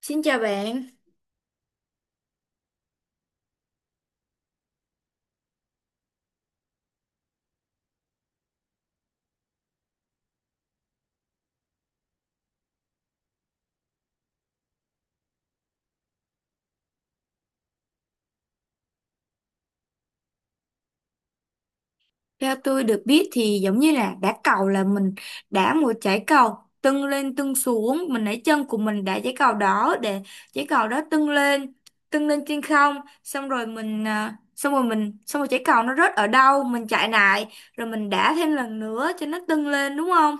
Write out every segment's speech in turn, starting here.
Xin chào bạn. Theo tôi được biết thì giống như là đá cầu là mình đá một trái cầu tưng lên tưng xuống, mình lấy chân của mình đá trái cầu đó để trái cầu đó tưng lên trên không, xong rồi mình à, xong rồi mình xong rồi trái cầu nó rớt ở đâu, mình chạy lại rồi mình đá thêm lần nữa cho nó tưng lên đúng không?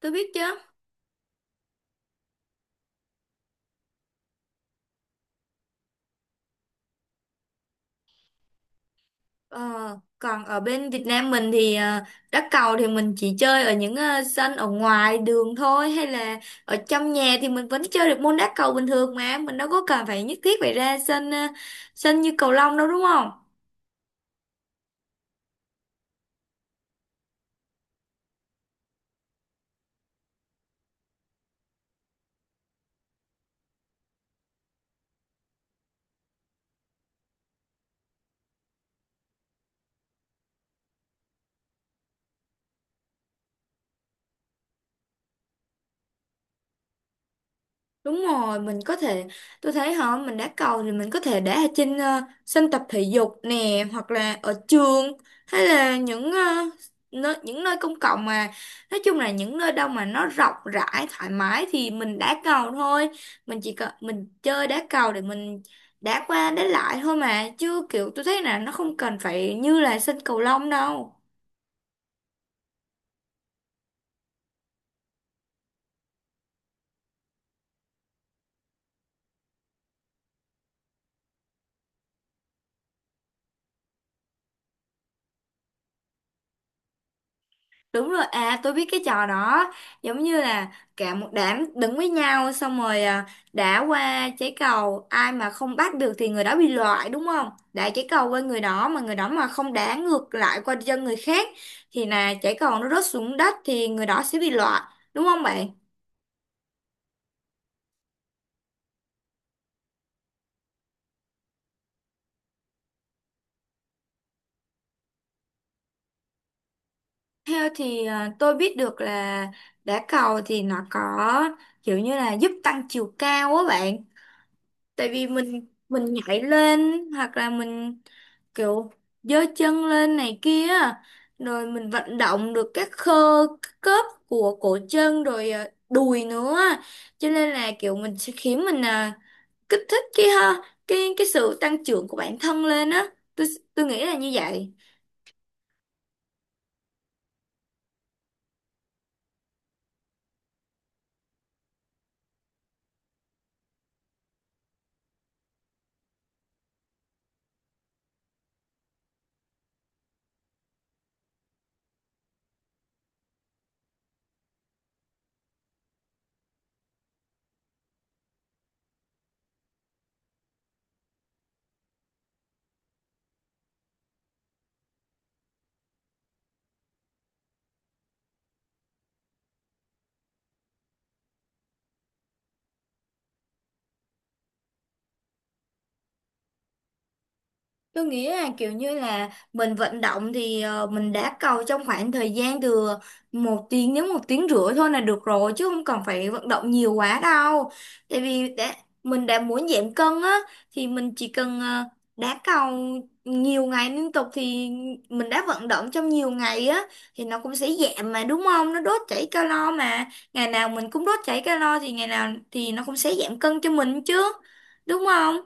Tôi biết chứ. Ờ, Còn ở bên Việt Nam mình thì đá cầu thì mình chỉ chơi ở những sân ở ngoài đường thôi hay là ở trong nhà thì mình vẫn chơi được môn đá cầu bình thường mà mình đâu có cần phải nhất thiết phải ra sân như cầu lông đâu đúng không? Đúng rồi, mình có thể, tôi thấy hả, mình đá cầu thì mình có thể đá ở trên sân tập thể dục nè, hoặc là ở trường, hay là những nơi công cộng mà, nói chung là những nơi đâu mà nó rộng rãi, thoải mái thì mình đá cầu thôi. Mình chơi đá cầu để mình đá qua đá lại thôi mà, chứ kiểu tôi thấy là nó không cần phải như là sân cầu lông đâu. Đúng rồi, tôi biết cái trò đó. Giống như là cả một đám đứng với nhau, xong rồi đá qua trái cầu, ai mà không bắt được thì người đó bị loại đúng không? Đá trái cầu qua người đó mà người đó mà không đá ngược lại qua chân người khác thì là trái cầu nó rớt xuống đất thì người đó sẽ bị loại. Đúng không bạn? Theo tôi biết được là đá cầu thì nó có kiểu như là giúp tăng chiều cao á bạn, tại vì mình nhảy lên hoặc là mình kiểu giơ chân lên này kia rồi mình vận động được các khớp của cổ chân rồi đùi nữa, cho nên là kiểu mình sẽ khiến mình kích thích cái ha cái sự tăng trưởng của bản thân lên á. Tôi tôi nghĩ là như vậy. Tôi nghĩ là kiểu như là mình vận động thì mình đá cầu trong khoảng thời gian từ 1 tiếng đến 1 tiếng rưỡi thôi là được rồi chứ không cần phải vận động nhiều quá đâu. Tại vì mình đã muốn giảm cân á thì mình chỉ cần đá cầu nhiều ngày liên tục thì mình đã vận động trong nhiều ngày á thì nó cũng sẽ giảm mà đúng không? Nó đốt cháy calo mà, ngày nào mình cũng đốt cháy calo thì ngày nào thì nó cũng sẽ giảm cân cho mình chứ đúng không?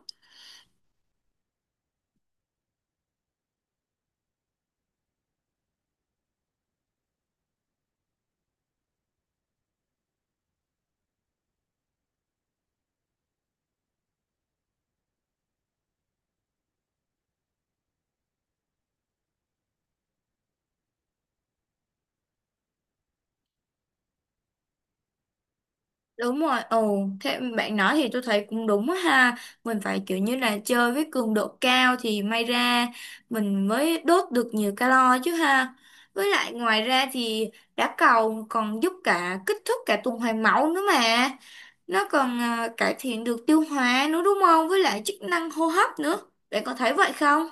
Đúng rồi, ồ, thế bạn nói thì tôi thấy cũng đúng á ha. Mình phải kiểu như là chơi với cường độ cao thì may ra mình mới đốt được nhiều calo chứ ha. Với lại ngoài ra thì đá cầu còn giúp cả kích thích cả tuần hoàn máu nữa mà. Nó còn cải thiện được tiêu hóa nữa đúng không? Với lại chức năng hô hấp nữa. Bạn có thấy vậy không?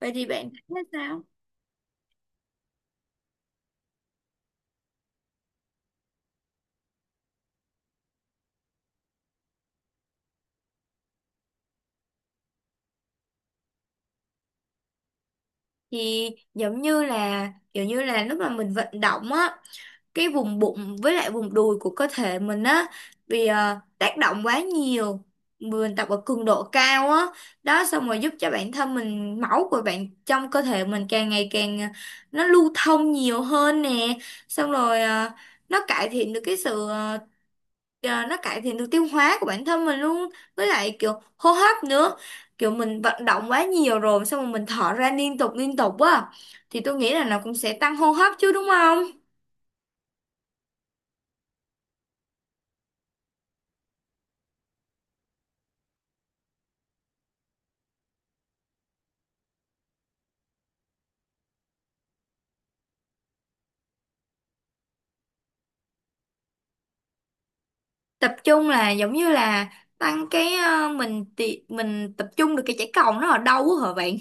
Vậy thì bạn thấy sao? Thì giống như là kiểu như là lúc mà mình vận động á, cái vùng bụng với lại vùng đùi của cơ thể mình á, vì tác động quá nhiều, mình tập ở cường độ cao á đó, xong rồi giúp cho bản thân mình, máu của bạn trong cơ thể mình càng ngày càng nó lưu thông nhiều hơn nè, xong rồi nó cải thiện được cái sự ờ, ờ, nó cải thiện được tiêu hóa của bản thân mình luôn, với lại kiểu hô hấp nữa, kiểu mình vận động quá nhiều rồi xong rồi mình thở ra liên tục á thì tôi nghĩ là nó cũng sẽ tăng hô hấp chứ đúng không? Tập trung là giống như là tăng cái mình tập trung được cái trái cầu nó ở đâu á hả bạn?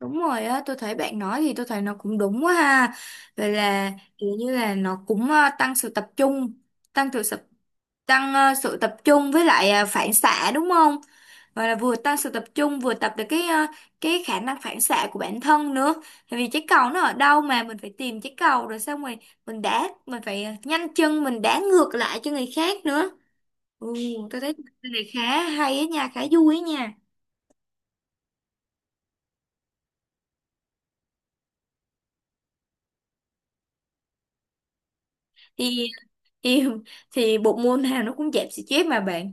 Đúng rồi á, tôi thấy bạn nói thì tôi thấy nó cũng đúng quá ha, rồi là kiểu như là nó cũng ờ, tăng sự tập trung tăng sự sập- tăng ờ, sự tập trung với lại phản xạ đúng không? Và là vừa tăng sự tập trung vừa tập được cái khả năng phản xạ của bản thân nữa, tại vì trái cầu nó ở đâu mà mình phải tìm trái cầu rồi xong rồi mình phải nhanh chân mình đá ngược lại cho người khác nữa. Ừ, tôi thấy cái này khá hay á nha, khá vui á nha. Thì thì thì bộ môn nào nó cũng dẹp xì chép mà bạn.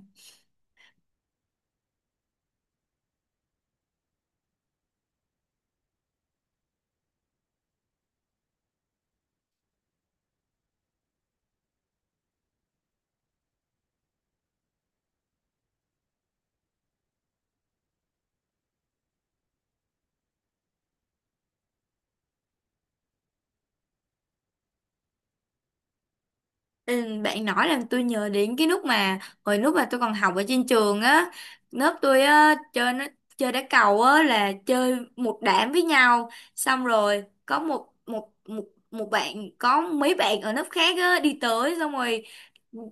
Ừ, bạn nói làm tôi nhớ đến cái lúc mà hồi lúc mà tôi còn học ở trên trường á, lớp tôi á chơi nó chơi đá cầu á là chơi một đám với nhau, xong rồi có một một một một bạn, có mấy bạn ở lớp khác á đi tới xong rồi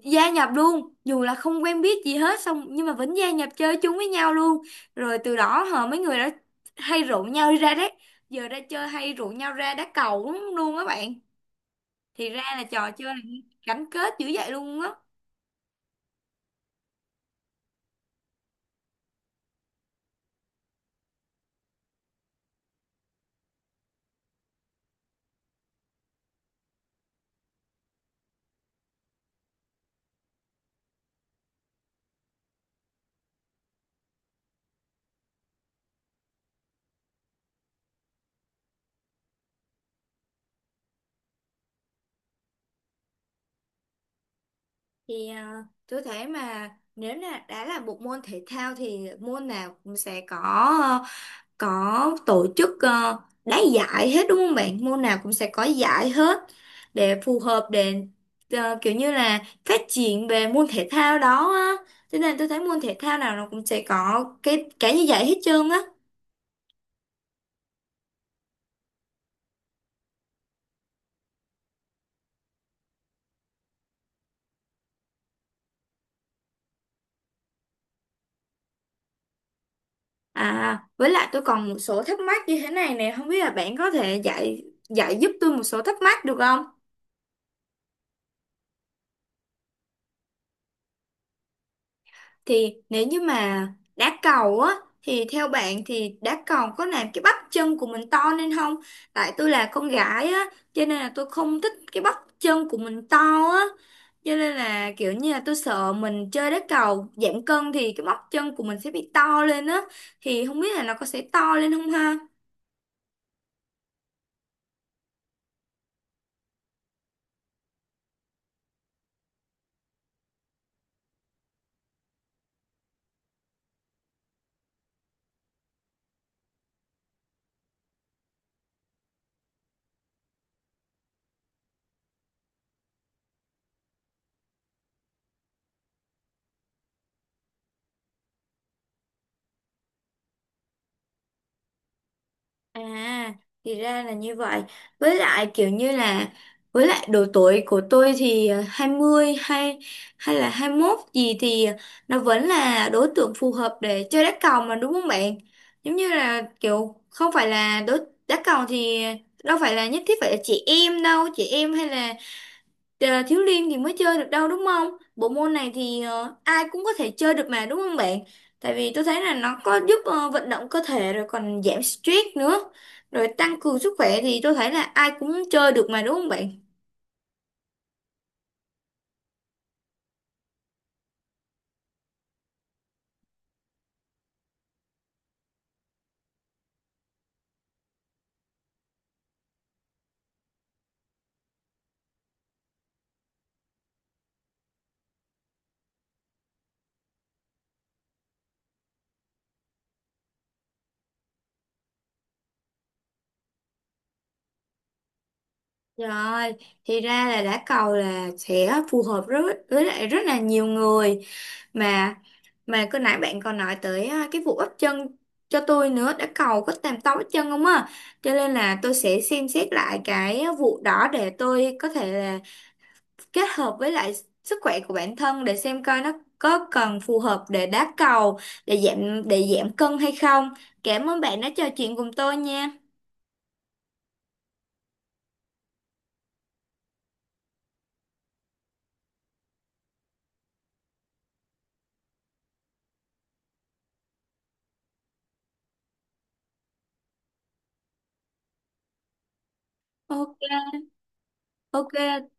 gia nhập luôn dù là không quen biết gì hết xong nhưng mà vẫn gia nhập chơi chung với nhau luôn, rồi từ đó mấy người đã hay rủ nhau đi ra đấy giờ ra chơi hay rủ nhau ra đá cầu lắm luôn á bạn, thì ra là trò chơi này gắn kết dữ vậy luôn á. Thì tôi thấy mà nếu là đã là một môn thể thao thì môn nào cũng sẽ có tổ chức đá giải hết đúng không bạn? Môn nào cũng sẽ có giải hết để phù hợp để kiểu như là phát triển về môn thể thao đó á. Cho nên tôi thấy môn thể thao nào nó cũng sẽ có cái như vậy hết trơn á. À, với lại tôi còn một số thắc mắc như thế này nè, không biết là bạn có thể giải giải giúp tôi một số thắc mắc được không? Thì nếu như mà đá cầu á thì theo bạn thì đá cầu có làm cái bắp chân của mình to lên không? Tại tôi là con gái á, cho nên là tôi không thích cái bắp chân của mình to á. Cho nên là kiểu như là tôi sợ mình chơi đá cầu giảm cân thì cái bắp chân của mình sẽ bị to lên á, thì không biết là nó có sẽ to lên không ha? À, thì ra là như vậy. Với lại kiểu như là với lại độ tuổi của tôi thì 20 hay hay là 21 gì thì nó vẫn là đối tượng phù hợp để chơi đá cầu mà đúng không bạn? Giống như là kiểu không phải là đá cầu thì đâu phải là nhất thiết phải là chị em đâu, chị em hay là thiếu liên thì mới chơi được đâu đúng không? Bộ môn này thì ai cũng có thể chơi được mà đúng không bạn? Tại vì tôi thấy là nó có giúp vận động cơ thể rồi còn giảm stress nữa. Rồi tăng cường sức khỏe thì tôi thấy là ai cũng chơi được mà đúng không bạn? Rồi, thì ra là đá cầu là sẽ phù hợp rất với lại rất là nhiều người mà. Mà cứ nãy bạn còn nói tới cái vụ ấp chân cho tôi nữa, đã cầu có tàm tao ấp chân không á, cho nên là tôi sẽ xem xét lại cái vụ đó để tôi có thể là kết hợp với lại sức khỏe của bản thân để xem coi nó có cần phù hợp để đá cầu để giảm cân hay không. Cảm ơn bạn đã trò chuyện cùng tôi nha. OK. OK.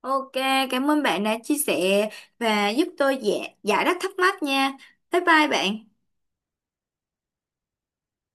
OK. Cảm ơn bạn đã chia sẻ và giúp tôi giải giải đáp thắc mắc nha. Bye bye bạn.